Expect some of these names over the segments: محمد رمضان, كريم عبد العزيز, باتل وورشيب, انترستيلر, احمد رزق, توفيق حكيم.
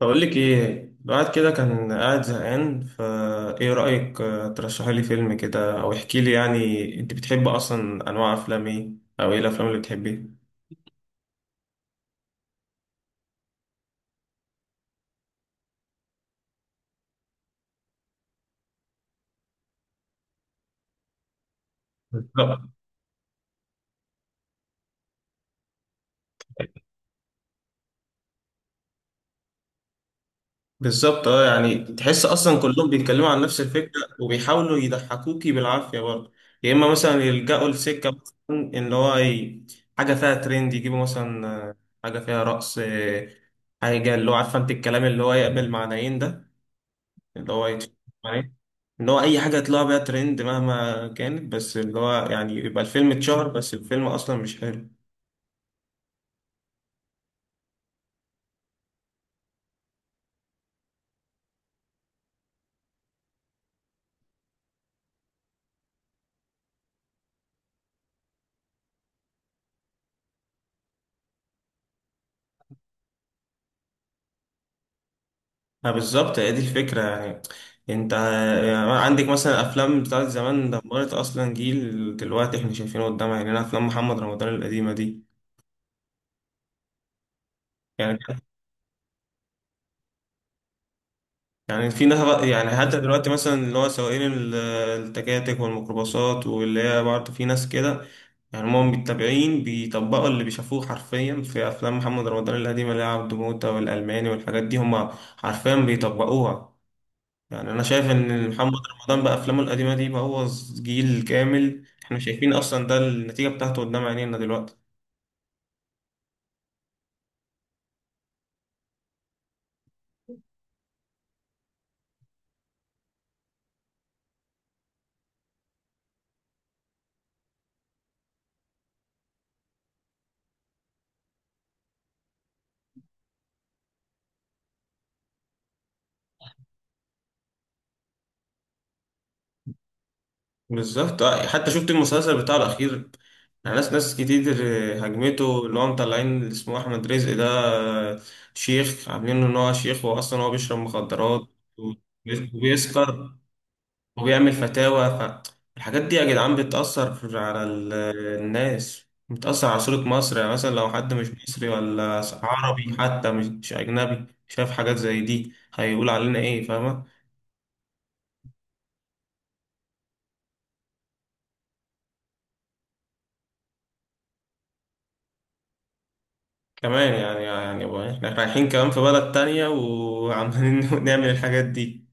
بقول لك ايه، الواحد كده كان قاعد زهقان. فا ايه رأيك ترشحي لي فيلم كده او احكي لي، يعني انت بتحب اصلا انواع افلام ايه، او ايه الافلام اللي بتحبيها؟ بالظبط. بالظبط اه، يعني تحس اصلا كلهم بيتكلموا عن نفس الفكرة وبيحاولوا يضحكوكي بالعافية برضه. يا اما مثلا يلجأوا لسكة مثلا ان هو حاجة فيها ترند، يجيبوا مثلا حاجة فيها رقص، حاجة اللي هو عارفة انت الكلام اللي هو يقبل معنيين ده، اللي هو يتفق عليه. اللي هو أي حاجة يطلع بيها ترند مهما كانت، بس اللي هو يعني يبقى الفيلم اتشهر، بس الفيلم أصلا مش حلو. ما بالظبط، هي دي الفكرة يعني. انت يعني عندك مثلا افلام بتاعت زمان دمرت اصلا جيل دلوقتي احنا شايفينه قدامنا، يعني انا افلام محمد رمضان القديمة دي يعني. يعني يعني حتى دلوقتي مثلا اللي هو سواقين التكاتك والميكروباصات، واللي هي برضه في ناس كده يعني هم متابعين، بيطبقوا اللي بيشافوه حرفيا في افلام محمد رمضان القديمه، اللي هي عبده موته والالماني والحاجات دي، هم حرفيا بيطبقوها. يعني انا شايف ان محمد رمضان بافلامه القديمه دي بوظ جيل كامل، احنا شايفين اصلا ده النتيجه بتاعته قدام عينينا دلوقتي. بالظبط حتى شفت المسلسل بتاعه الاخير. يعني ناس كتير هجمته، اللي هو مطلعين اللي اسمه احمد رزق ده آه، شيخ، عاملينه ان هو شيخ، هو اصلا هو بيشرب مخدرات وبيسكر وبيعمل فتاوى. فالحاجات دي يا جدعان بتأثر على الناس، بتأثر على صورة مصر. يعني مثلا لو حد مش مصري ولا عربي حتى، مش أجنبي، شاف حاجات زي دي هيقول علينا إيه؟ فاهمة؟ كمان يعني، يعني بقى إحنا رايحين كمان في بلد تانية وعمالين نعمل الحاجات دي.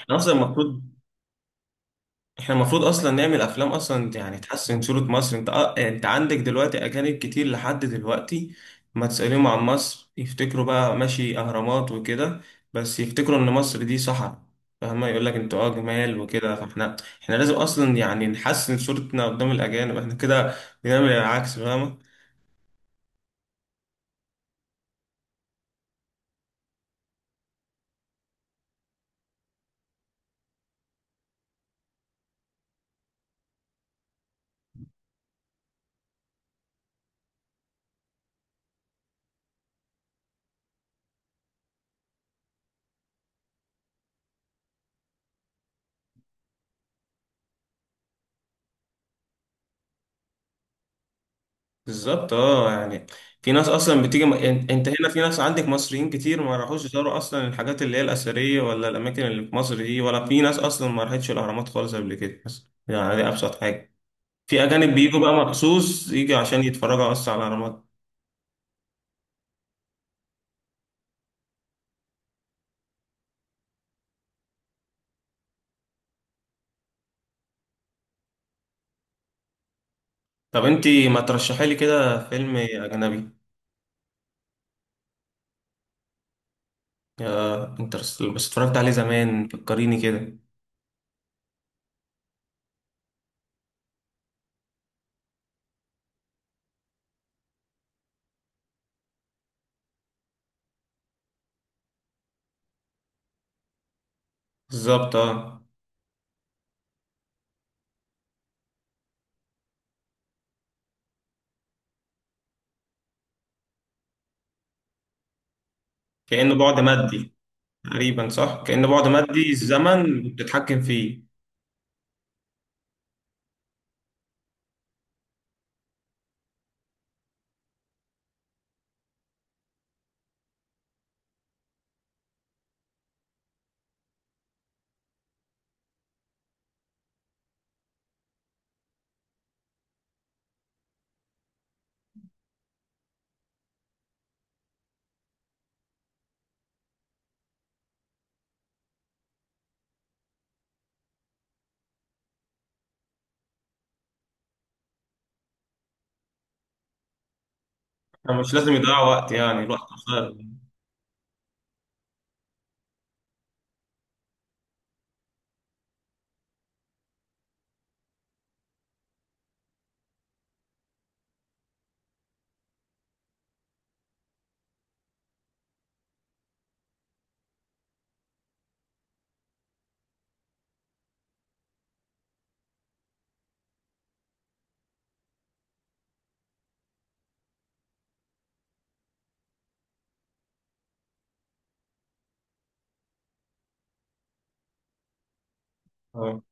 إحنا أصلا المفروض، احنا المفروض اصلا نعمل افلام اصلا يعني تحسن صورة مصر. انت آه، انت عندك دلوقتي اجانب كتير لحد دلوقتي، ما تسأليهم عن مصر، يفتكروا بقى ماشي اهرامات وكده، بس يفتكروا ان مصر دي صحراء. فاهمة؟ يقول لك انتوا اه جمال وكده. فاحنا، احنا لازم اصلا يعني نحسن صورتنا قدام الاجانب، احنا كده بنعمل العكس. فاهمة؟ بالظبط اه. يعني في ناس اصلا بتيجي م... يعني انت هنا في ناس عندك مصريين كتير ما راحوش يزوروا اصلا الحاجات اللي هي الاثريه ولا الاماكن اللي في مصر دي، ولا في ناس اصلا ما راحتش الاهرامات خالص قبل كده، بس يعني دي ابسط حاجه. في اجانب بيجوا بقى مخصوص يجي عشان يتفرجوا بس على الاهرامات. طب انت ما ترشحي لي كده فيلم اجنبي. يا انترستيلر، بس اتفرجت عليه زمان، فكريني كده. بالظبط اه، كانه بعد مادي. تقريبا صح، كانه بعد مادي الزمن بتتحكم فيه. أنا مش لازم يضيع وقت، يعني الوقت قصير. آه.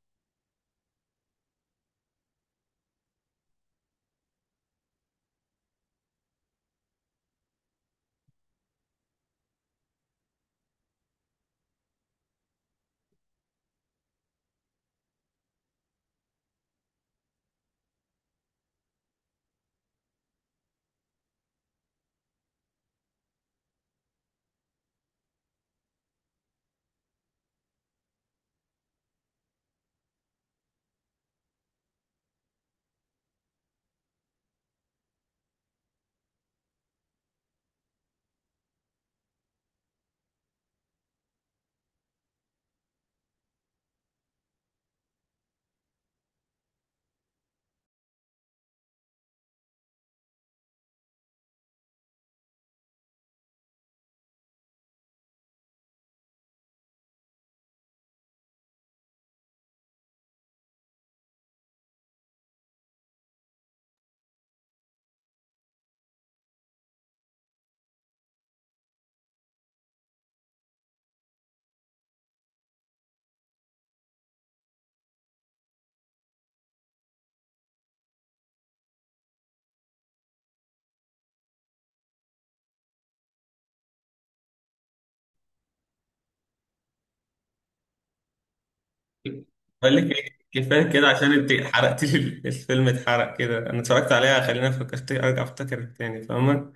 بقول لك إيه، كفايه كده عشان انت حرقت لي الفيلم. اتحرق كده، انا اتفرجت عليها، خلينا فكرت ارجع افتكر تاني. فاهمه؟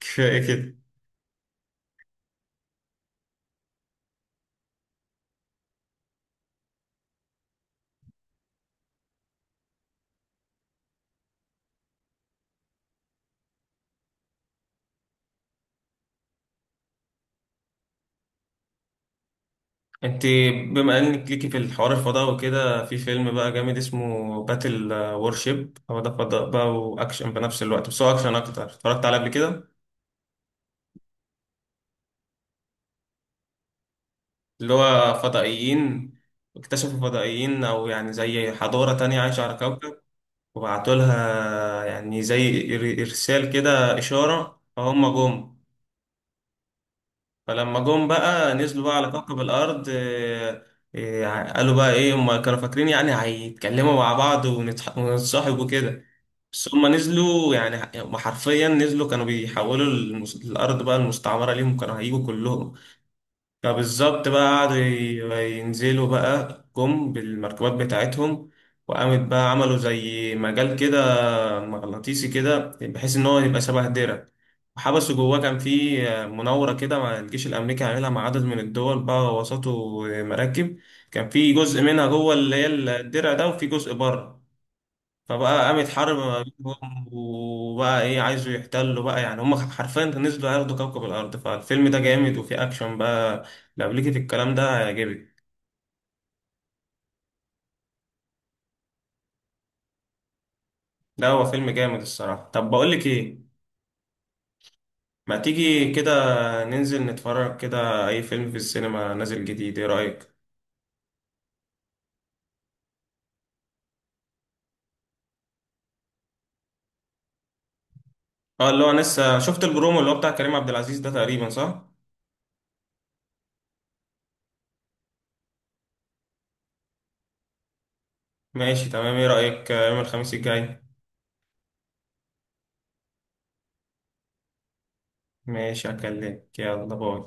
كفايه كده. انت بما انك ليكي في الحوار الفضاء وكده، في فيلم بقى جامد اسمه باتل وورشيب. هو ده فضاء بقى واكشن بنفس الوقت، بس هو اكشن اكتر. اتفرجت عليه قبل كده. اللي هو فضائيين، اكتشفوا فضائيين او يعني زي حضاره تانية عايشه على كوكب، وبعتولها يعني زي إرسال كده إشارة، فهم جم. فلما جم بقى نزلوا بقى على كوكب الأرض، قالوا بقى إيه، هم كانوا فاكرين يعني هيتكلموا مع بعض ونتصاحبوا كده. بس هم نزلوا يعني، هم حرفيا نزلوا كانوا بيحولوا الأرض بقى المستعمرة ليهم، كانوا هيجوا كلهم. فبالظبط بقى قعدوا ينزلوا بقى، جم بالمركبات بتاعتهم، وقامت بقى عملوا زي مجال كده مغناطيسي كده بحيث ان هو يبقى شبه درع وحبسه جواه. كان في مناورة كده مع الجيش الأمريكي، عاملها مع عدد من الدول بقى، وسطه مراكب. كان في جزء منها جوه اللي هي الدرع ده وفي جزء بره. فبقى قامت حرب ما بينهم، وبقى ايه، عايزوا يحتلوا بقى، يعني هم حرفيا نزلوا ياخدوا كوكب الأرض. فالفيلم ده جامد وفيه أكشن بقى. لو ليكي في الكلام ده هيعجبك. لا هو فيلم جامد الصراحة. طب بقولك ايه، ما تيجي كده ننزل نتفرج كده اي فيلم في السينما نازل جديد، ايه رأيك؟ اه اللي هو لسه شفت البرومو اللي هو بتاع كريم عبد العزيز ده، تقريبا صح. ماشي تمام، ايه رأيك يوم الخميس الجاي؟ ماشي، هكلمك، يلا باي.